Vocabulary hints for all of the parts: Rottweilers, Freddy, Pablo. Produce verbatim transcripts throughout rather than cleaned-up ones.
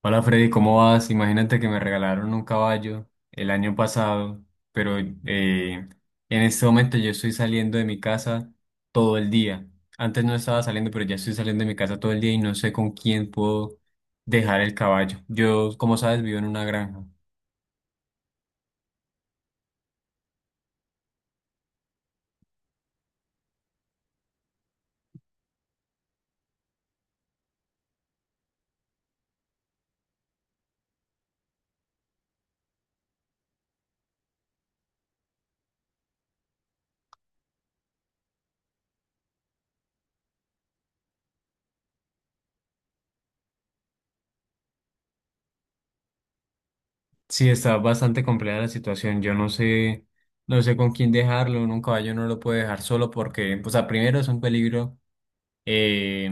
Hola Freddy, ¿cómo vas? Imagínate que me regalaron un caballo el año pasado, pero eh, en este momento yo estoy saliendo de mi casa todo el día. Antes no estaba saliendo, pero ya estoy saliendo de mi casa todo el día y no sé con quién puedo dejar el caballo. Yo, como sabes, vivo en una granja. Sí, está bastante compleja la situación. Yo no sé, no sé con quién dejarlo. Uno, Un caballo no lo puede dejar solo porque, o sea, primero es un peligro. Eh,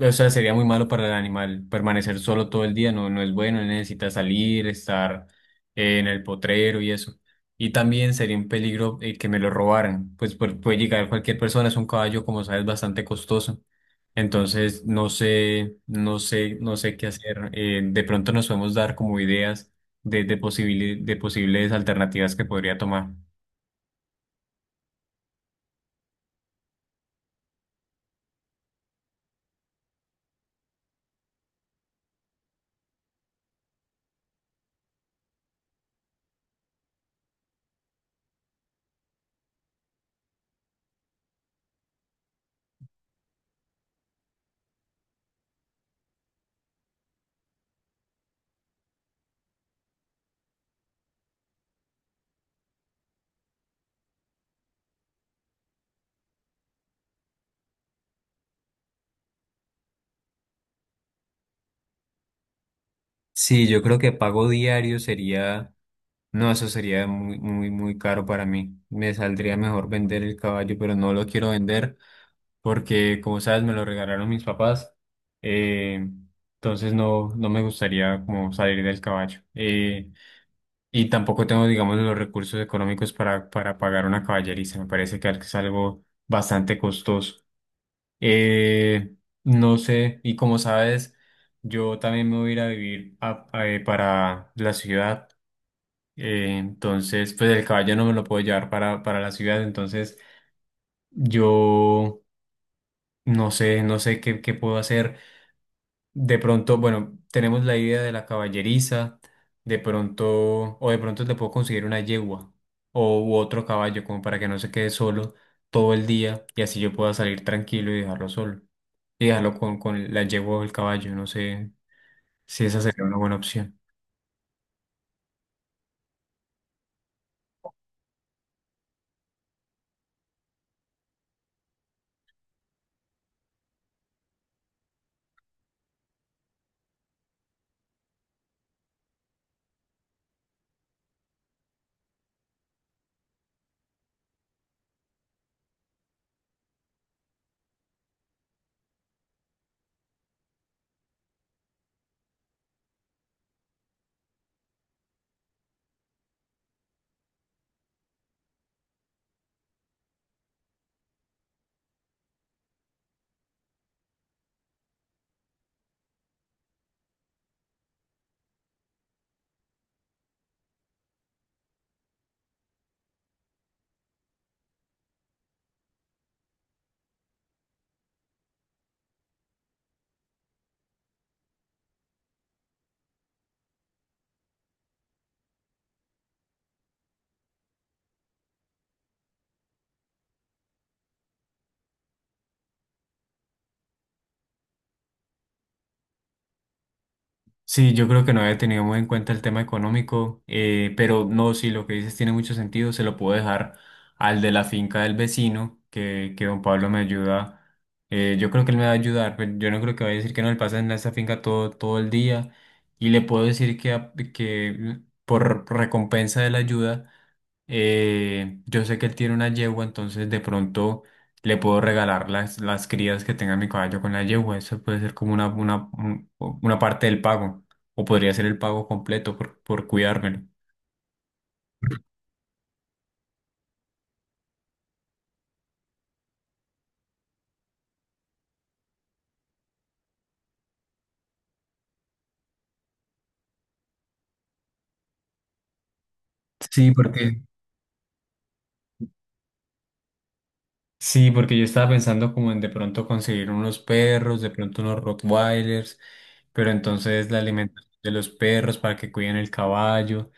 o sea, sería muy malo para el animal permanecer solo todo el día, no, no es bueno, él necesita salir, estar eh, en el potrero y eso. Y también sería un peligro, eh, que me lo robaran, pues pu- puede llegar cualquier persona, es un caballo, como sabes, bastante costoso. Entonces, no sé, no sé, no sé qué hacer. Eh, de pronto nos podemos dar como ideas de, de, posibili- de posibles alternativas que podría tomar. Sí, yo creo que pago diario sería... No, eso sería muy, muy, muy caro para mí. Me saldría mejor vender el caballo, pero no lo quiero vender porque, como sabes, me lo regalaron mis papás. Eh, entonces no, no me gustaría como salir del caballo. Eh, y tampoco tengo, digamos, los recursos económicos para, para pagar una caballeriza. Me parece que es algo bastante costoso. Eh, no sé, y como sabes, yo también me voy a ir a vivir a- a- eh, para la ciudad. Eh, entonces, pues el caballo no me lo puedo llevar para, para la ciudad, entonces yo no sé, no sé qué, qué puedo hacer. De pronto, bueno, tenemos la idea de la caballeriza, de pronto, o de pronto le puedo conseguir una yegua o u otro caballo, como para que no se quede solo todo el día y así yo pueda salir tranquilo y dejarlo solo. Y dejarlo con, con la yegua o el caballo, no sé si esa sería una buena opción. Sí, yo creo que no había tenido muy en cuenta el tema económico, eh, pero no, sí, lo que dices tiene mucho sentido, se lo puedo dejar al de la finca del vecino, que, que don Pablo me ayuda, eh, yo creo que él me va a ayudar, pero yo no creo que vaya a decir que no le pasa en esa finca todo, todo el día, y le puedo decir que, a- que por recompensa de la ayuda eh, yo sé que él tiene una yegua, entonces de pronto le puedo regalar las, las crías que tenga mi caballo con la yegua. Eso puede ser como una, una, un- una parte del pago. O podría ser el pago completo por, por cuidármelo. Sí, porque sí, porque yo estaba pensando como en de pronto conseguir unos perros, de pronto unos Rottweilers, pero entonces la alimentación de los perros para que cuiden el caballo.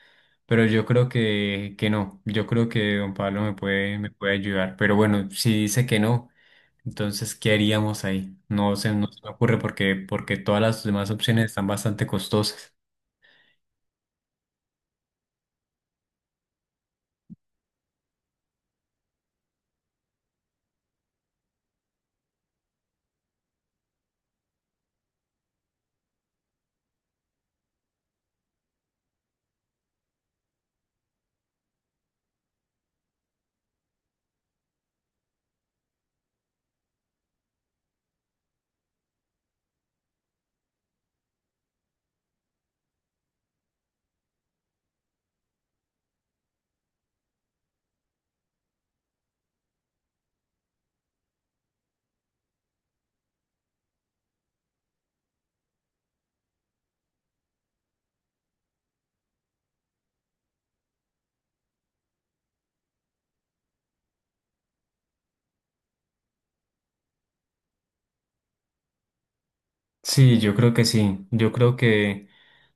Pero yo creo que, que no, yo creo que don Pablo me puede, me puede ayudar. Pero bueno, si dice que no. Entonces, ¿qué haríamos ahí? No se, no se me ocurre porque, porque todas las demás opciones están bastante costosas. Sí, yo creo que sí. Yo creo que...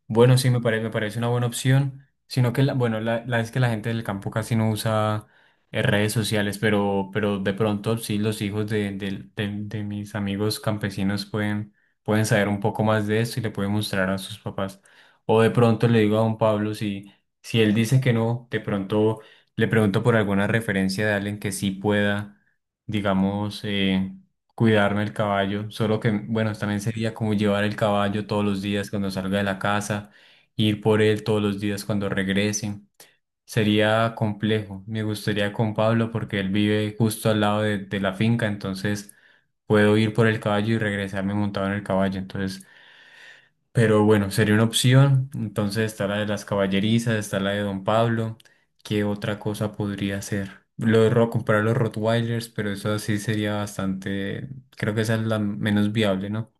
Bueno, sí, me parece, me parece una buena opción, sino que, la- bueno, la, la es que la gente del campo casi no usa eh, redes sociales, pero, pero de pronto sí los hijos de, de de- de mis amigos campesinos pueden, pueden saber un poco más de esto y le pueden mostrar a sus papás. O de pronto le digo a don Pablo, si, si él dice que no, de pronto le pregunto por alguna referencia de alguien que sí pueda, digamos, eh, cuidarme el caballo, solo que, bueno, también sería como llevar el caballo todos los días cuando salga de la casa, ir por él todos los días cuando regrese. Sería complejo. Me gustaría con Pablo porque él vive justo al lado de, de la finca, entonces puedo ir por el caballo y regresarme montado en el caballo. Entonces pero bueno, sería una opción. Entonces está la de las caballerizas, está la de don Pablo. ¿Qué otra cosa podría ser? Lo de ro- comprar los Rottweilers, pero eso sí sería bastante. Creo que esa es la menos viable, ¿no?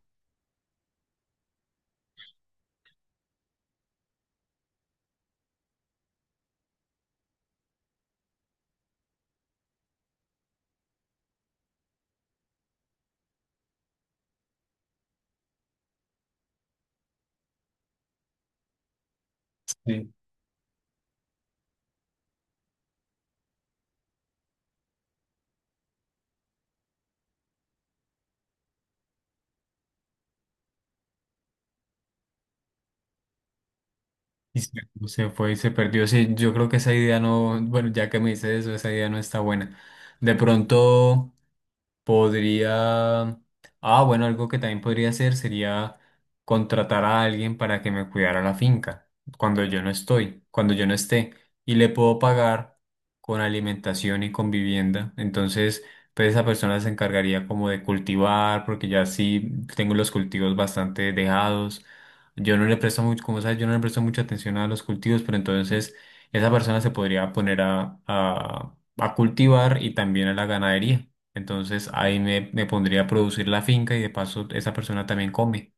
Sí. Y se, se fue y se perdió. Sí, yo creo que esa idea no. Bueno, ya que me dices eso, esa idea no está buena. De pronto. Podría... Ah, bueno, algo que también podría hacer sería contratar a alguien para que me cuidara la finca cuando yo no estoy, cuando yo no esté. Y le puedo pagar con alimentación y con vivienda. Entonces, pues esa persona se encargaría como de cultivar, porque ya sí tengo los cultivos bastante dejados. Yo no le presto mucho, como sabes, yo no le presto mucha atención a los cultivos, pero entonces esa persona se podría poner a, a, a cultivar y también a la ganadería. Entonces ahí me, me pondría a producir la finca y de paso esa persona también come.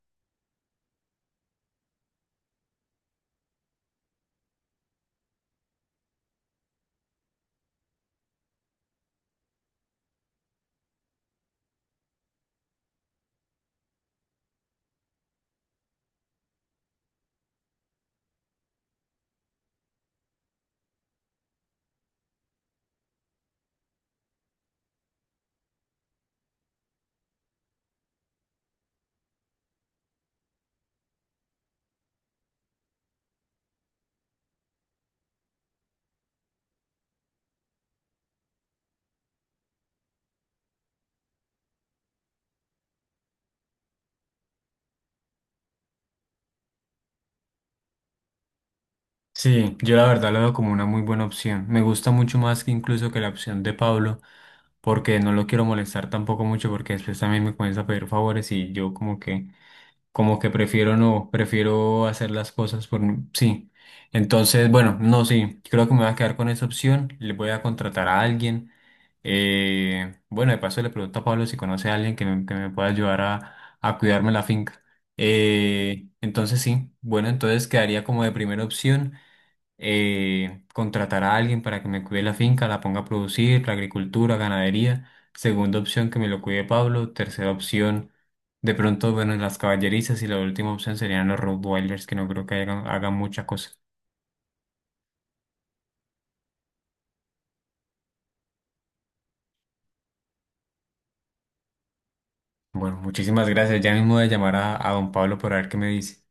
Sí, yo la verdad lo veo como una muy buena opción. Me gusta mucho más que incluso que la opción de Pablo, porque no lo quiero molestar tampoco mucho porque después también me comienza a pedir favores y yo como que como que prefiero no, prefiero hacer las cosas por mí. Sí. Entonces, bueno, no, sí, creo que me voy a quedar con esa opción. Le voy a contratar a alguien. Eh, bueno, de paso le pregunto a Pablo si conoce a alguien que me, que me pueda ayudar a, a cuidarme la finca. Eh, entonces, sí, bueno, entonces quedaría como de primera opción eh, contratar a alguien para que me cuide la finca, la ponga a producir, la agricultura, ganadería. Segunda opción, que me lo cuide Pablo. Tercera opción, de pronto, bueno, las caballerizas. Y la última opción serían los Rottweilers, que no creo que hagan, hagan mucha cosa. Bueno, muchísimas gracias. Ya mismo voy a llamar a, a don Pablo por ver qué me dice.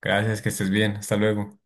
Gracias, que estés bien. Hasta luego.